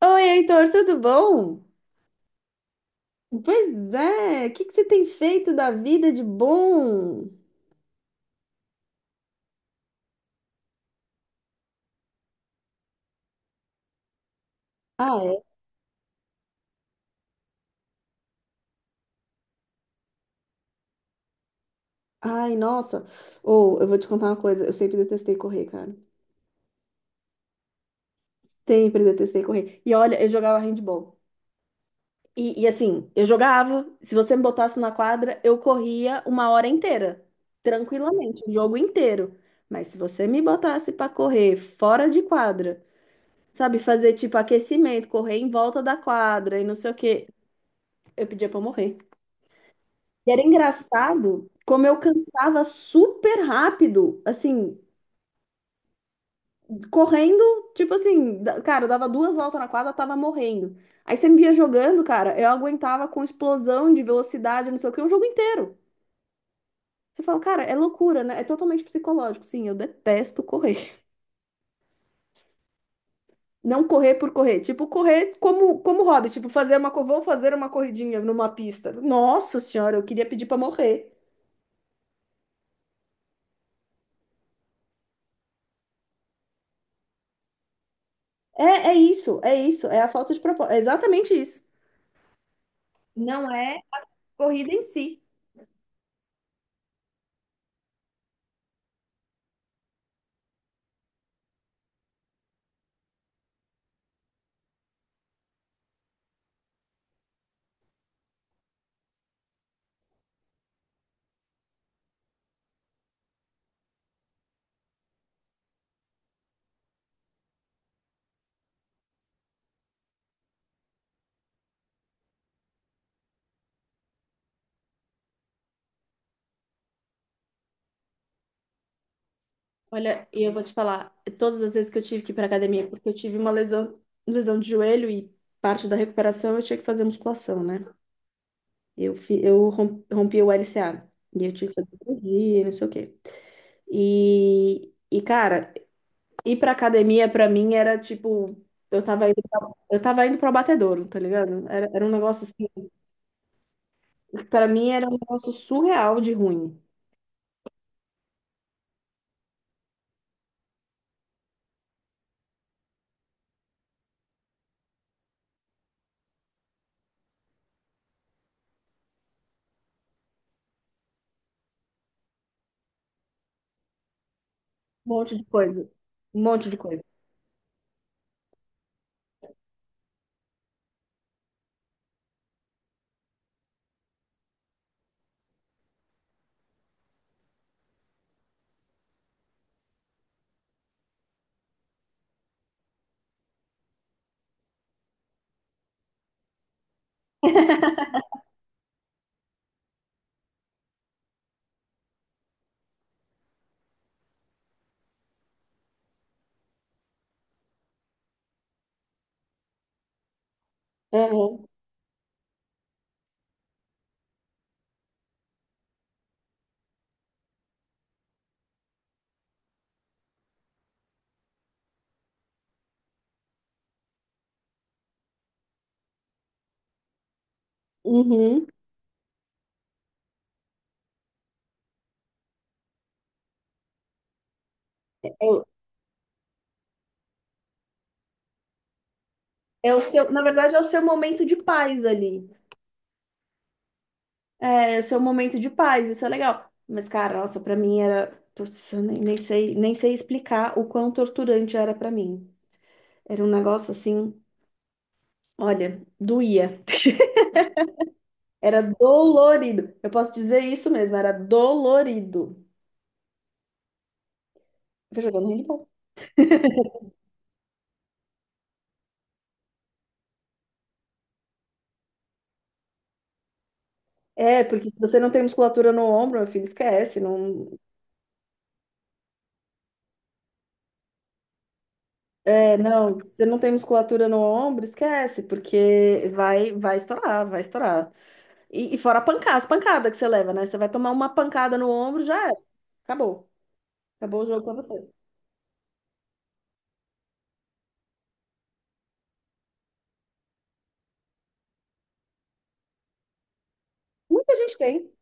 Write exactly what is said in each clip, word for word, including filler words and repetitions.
Oi, Heitor, tudo bom? Pois é, o que que você tem feito da vida de bom? Ah, é? Ai, nossa. Ou eu vou te contar uma coisa, eu sempre detestei correr, cara. Sempre detestei correr. E olha, eu jogava handball. E, e assim, eu jogava, se você me botasse na quadra, eu corria uma hora inteira, tranquilamente, o jogo inteiro. Mas se você me botasse pra correr fora de quadra, sabe, fazer tipo aquecimento, correr em volta da quadra e não sei o quê, eu pedia pra eu morrer. E era engraçado como eu cansava super rápido, assim, correndo, tipo assim, da- cara, eu dava duas voltas na quadra, tava morrendo. Aí você me via jogando, cara, eu aguentava com explosão de velocidade, não sei o que, um jogo inteiro. Você fala, cara, é loucura, né? É totalmente psicológico. Sim, eu detesto correr. Não correr por correr. Tipo, correr como, como hobby. Tipo, fazer uma, co- vou fazer uma corridinha numa pista. Nossa senhora, eu queria pedir pra morrer. É, é isso, é isso. É a falta de propósito. É exatamente isso. Não é corrida em si. Olha, e eu vou te falar, todas as vezes que eu tive que ir para academia, porque eu tive uma lesão, lesão de joelho e parte da recuperação eu tinha que fazer musculação, né? Eu, fi- eu rom- rompi o L C A e eu tive que fazer cirurgia, não sei o quê. E, e cara, ir para academia para mim era tipo, eu tava indo pra, eu tava indo para abatedouro, tá ligado? Era, era um negócio assim, para mim era um negócio surreal de ruim. Um monte de coisa, um monte de coisa. Aham. Uhum. É o seu, na verdade, é o seu momento de paz ali. É, é o seu momento de paz, isso é legal. Mas, cara, nossa, pra mim era. Putz, eu nem, nem, sei, nem sei explicar o quão torturante era pra mim. Era um negócio assim, olha, doía. Era dolorido. Eu posso dizer isso mesmo, era dolorido. Foi jogando handball. É, porque se você não tem musculatura no ombro, meu filho, esquece. Não. É, não, se você não tem musculatura no ombro, esquece, porque vai, vai estourar, vai estourar. E, e fora a pancada, as pancadas que você leva, né? Você vai tomar uma pancada no ombro, já era. Acabou. Acabou o jogo pra você. Muita gente tem.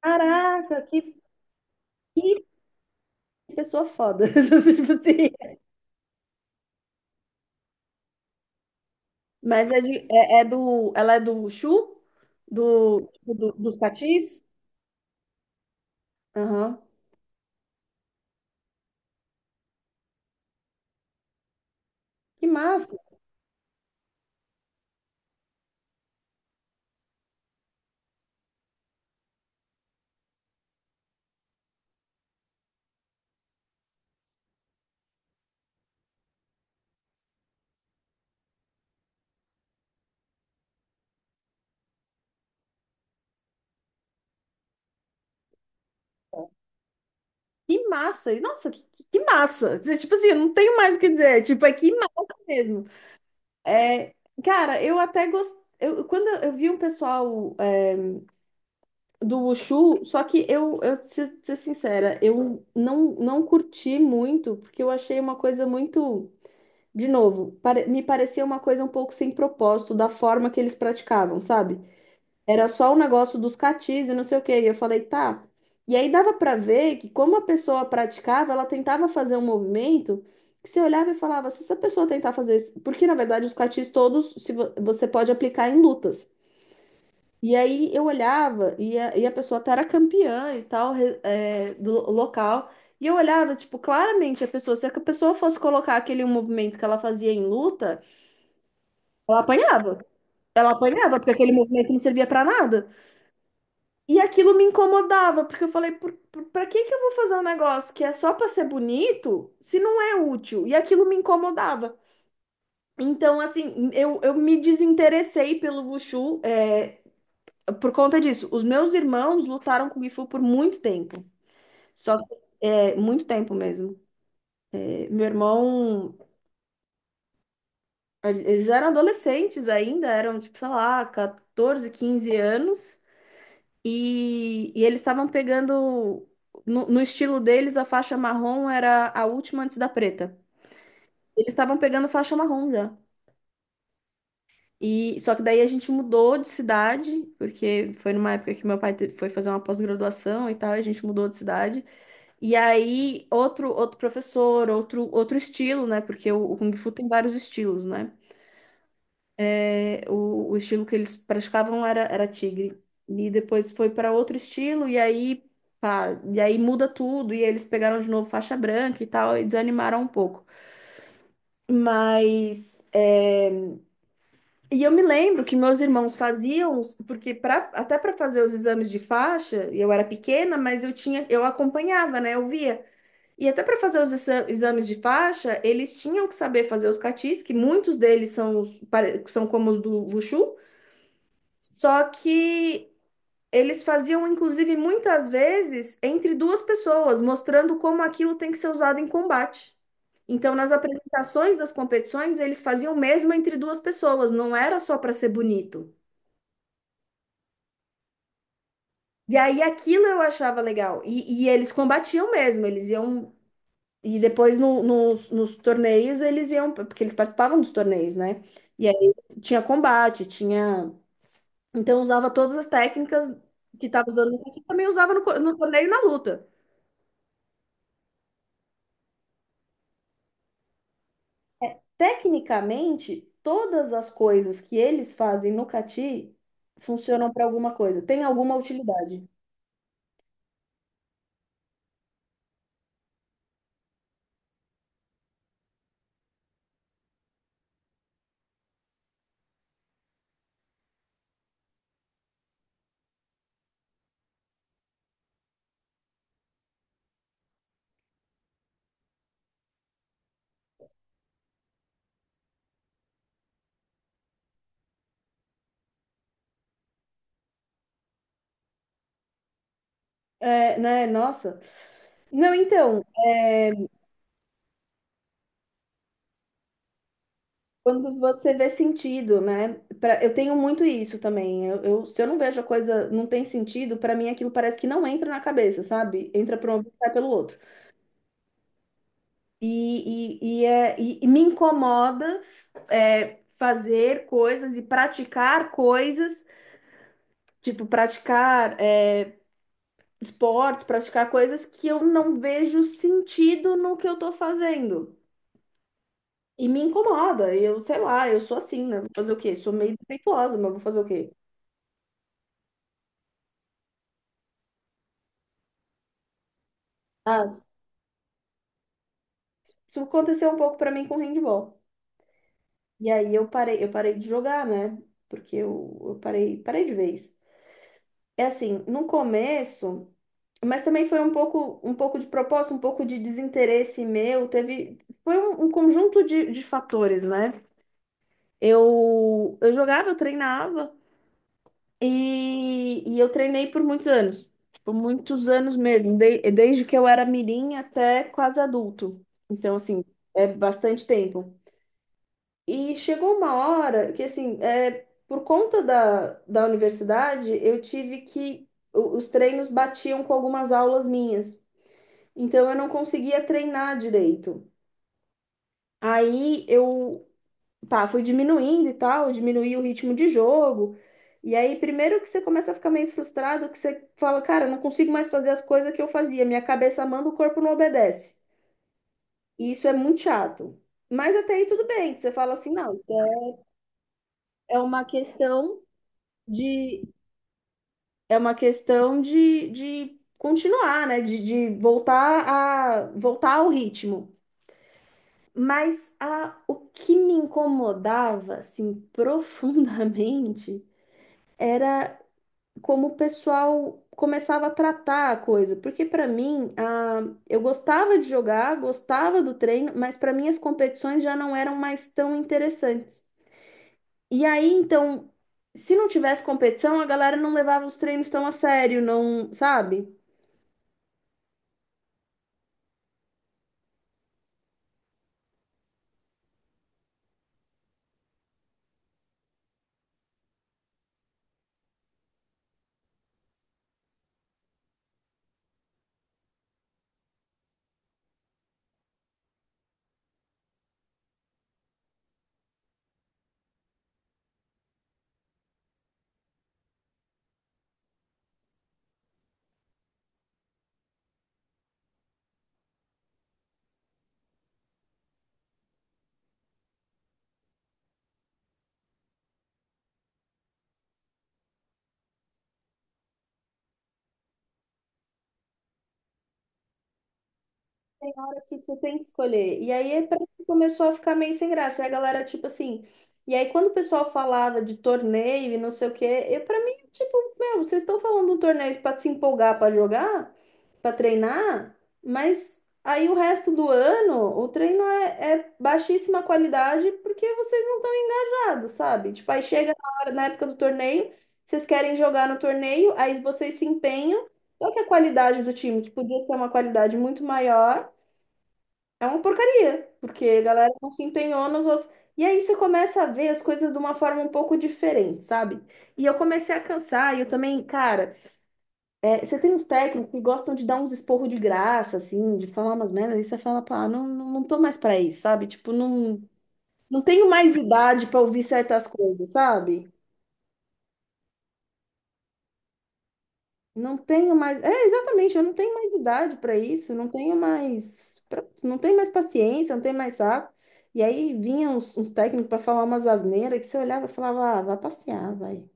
Caraca, que, que pessoa foda. Tipo assim. Mas é, de, é, é do. Ela é do Wushu? Do, tipo, do- dos catis? Aham. Que massa. Que massa. E, nossa, que, que que massa. Você, tipo assim, eu não tenho mais o que dizer. Tipo, é que massa mesmo. É, cara, eu até gostei. Eu, quando eu vi um pessoal do Wushu, só que eu, eu preciso ser sincera, eu não, não curti muito, porque eu achei uma coisa muito, de novo, pare- me parecia uma coisa um pouco sem propósito da forma que eles praticavam, sabe? Era só o negócio dos catis e não sei o quê, e eu falei, tá. E aí dava pra ver que como a pessoa praticava, ela tentava fazer um movimento que você olhava e falava, se essa pessoa tentar fazer isso, porque na verdade os catis todos se vo- você pode aplicar em lutas. E aí eu olhava e a, e a pessoa tá, era campeã e tal re- é, do lo- local. E eu olhava, tipo, claramente a pessoa, se a pessoa fosse colocar aquele movimento que ela fazia em luta, ela apanhava. Ela apanhava, porque aquele movimento não servia pra nada. E aquilo me incomodava, porque eu falei, por, por, pra que que eu vou fazer um negócio que é só pra ser bonito, se não é útil? E aquilo me incomodava. Então, assim, eu, eu me desinteressei pelo Wushu, é, por conta disso, os meus irmãos lutaram com o Gifu por muito tempo. Só que, é, muito tempo mesmo. É, meu irmão, eles eram adolescentes ainda, eram tipo, sei lá, catorze, quinze anos. E, e eles estavam pegando, no, no estilo deles, a faixa marrom era a última antes da preta. Eles estavam pegando faixa marrom já. E, só que daí a gente mudou de cidade, porque foi numa época que meu pai te- foi fazer uma pós-graduação e tal, e a gente mudou de cidade. E aí, outro, outro professor, outro, outro estilo, né? Porque o, o Kung Fu tem vários estilos, né? É, O, o estilo que eles praticavam era, era tigre. E depois foi para outro estilo, e aí, pá, e aí muda tudo, e eles pegaram de novo faixa branca e tal, e desanimaram um pouco. Mas, é, e eu me lembro que meus irmãos faziam, os- porque pra, até para fazer os exames de faixa, e eu era pequena, mas eu tinha, eu acompanhava, né? Eu via. E até para fazer os exa- exames de faixa, eles tinham que saber fazer os catis, que muitos deles são, os pare- são como os do Wushu, só que eles faziam, inclusive, muitas vezes entre duas pessoas, mostrando como aquilo tem que ser usado em combate. Então, nas apresentações das competições, eles faziam mesmo entre duas pessoas, não era só para ser bonito. E aí aquilo eu achava legal. E, e eles combatiam mesmo, eles iam. E depois no- nos, nos, torneios eles iam, porque eles participavam dos torneios, né? E aí tinha combate, tinha. Então usava todas as técnicas que estava dando, e também usava no, co- no torneio e na luta. Tecnicamente, todas as coisas que eles fazem no cati funcionam para alguma coisa, tem alguma utilidade. É, né? Nossa. Não, então. é, Quando você vê sentido, né? Pra, eu tenho muito isso também. Eu, eu- se eu não vejo a coisa não tem sentido, para mim aquilo parece que não entra na cabeça, sabe? Entra por um ouvido e sai pelo outro. E, e, e, é, e, e me incomoda é, fazer coisas e praticar coisas, tipo, praticar é, esportes, praticar coisas que eu não vejo sentido no que eu tô fazendo. E me incomoda. Eu, sei lá, eu sou assim, né? Vou fazer o quê? Sou meio defeituosa, mas vou fazer o quê? Ah, isso aconteceu um pouco pra mim com handball. E aí eu parei, eu parei de jogar, né? Porque eu, eu, parei, parei de vez. É assim, no começo, mas também foi um pouco, um pouco, de propósito, um pouco de desinteresse meu. Teve, foi um, um conjunto de, de fatores, né? Eu, eu jogava, eu treinava e, e eu treinei por muitos anos. Tipo, muitos anos mesmo, de- desde que eu era mirim até quase adulto. Então, assim, é bastante tempo. E chegou uma hora que, assim, é, por conta da, da universidade, eu tive que. o- Os treinos batiam com algumas aulas minhas. Então, eu não conseguia treinar direito. Aí, eu, pá, fui diminuindo e tal, eu diminuí o ritmo de jogo. E aí, primeiro que você começa a ficar meio frustrado, que você fala, cara, eu não consigo mais fazer as coisas que eu fazia. Minha cabeça manda, o corpo não obedece. E isso é muito chato. Mas até aí tudo bem, que você fala assim, não, isso é é uma questão de é uma questão de, de continuar, né? De, de voltar a voltar ao ritmo. Mas a, o que me incomodava, assim, profundamente, era como o pessoal começava a tratar a coisa. Porque para mim, a, eu gostava de jogar, gostava do treino, mas para mim as competições já não eram mais tão interessantes. E aí, então, se não tivesse competição, a galera não levava os treinos tão a sério, não, sabe? Que você tem que escolher. E aí é pra- começou a ficar meio sem graça. E a galera, tipo assim. E aí, quando o pessoal falava de torneio e não sei o quê, eu, pra mim, tipo, meu, vocês estão falando de um torneio pra se empolgar pra jogar, pra treinar, mas aí o resto do ano o treino é, é baixíssima qualidade porque vocês não estão engajados, sabe? Tipo, aí chega na hora, na época do torneio, vocês querem jogar no torneio, aí vocês se empenham. Só que a qualidade do time, que podia ser uma qualidade muito maior, é uma porcaria, porque a galera não se empenhou nos outros. E aí você começa a ver as coisas de uma forma um pouco diferente, sabe? E eu comecei a cansar, e eu também, cara, é, você tem uns técnicos que gostam de dar uns esporro de graça, assim, de falar umas merdas, e você fala, pá, não, não, não tô mais pra isso, sabe? Tipo, não, não tenho mais idade pra ouvir certas coisas, sabe? Não tenho mais. É, exatamente, eu não tenho mais idade para isso, não tenho mais, pra- não tenho mais paciência, não tenho mais saco. E aí vinham uns, uns técnicos para falar umas asneiras que você olhava e falava, ah, vai passear, vai.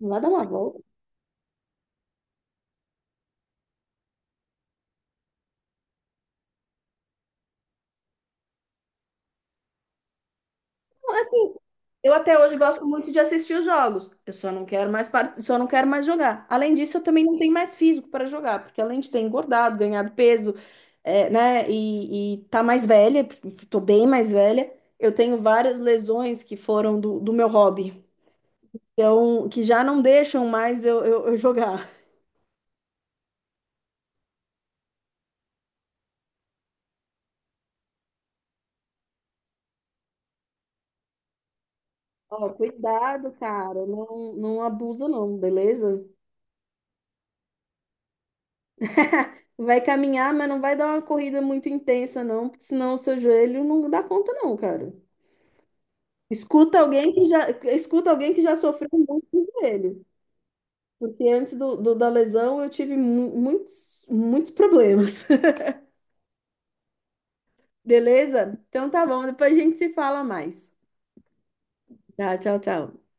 Vai dar uma volta. Assim, eu até hoje gosto muito de assistir os jogos. Eu só não quero mais part... só não quero mais jogar. Além disso, eu também não tenho mais físico para jogar, porque além de ter engordado, ganhado peso, é, né, e, e tá mais velha, porque tô bem mais velha, eu tenho várias lesões que foram do, do meu hobby. Então, que já não deixam mais eu, eu, eu jogar. Ó, cuidado, cara, não, não abusa não, beleza? Vai caminhar, mas não vai dar uma corrida muito intensa, não, porque senão o seu joelho não dá conta, não, cara. Escuta alguém que já, escuta alguém que já sofreu muito com o joelho. Porque antes do, do- da lesão eu tive mu- muitos, muitos problemas. Beleza? Então tá bom, depois a gente se fala mais. Tá, tchau, tchau.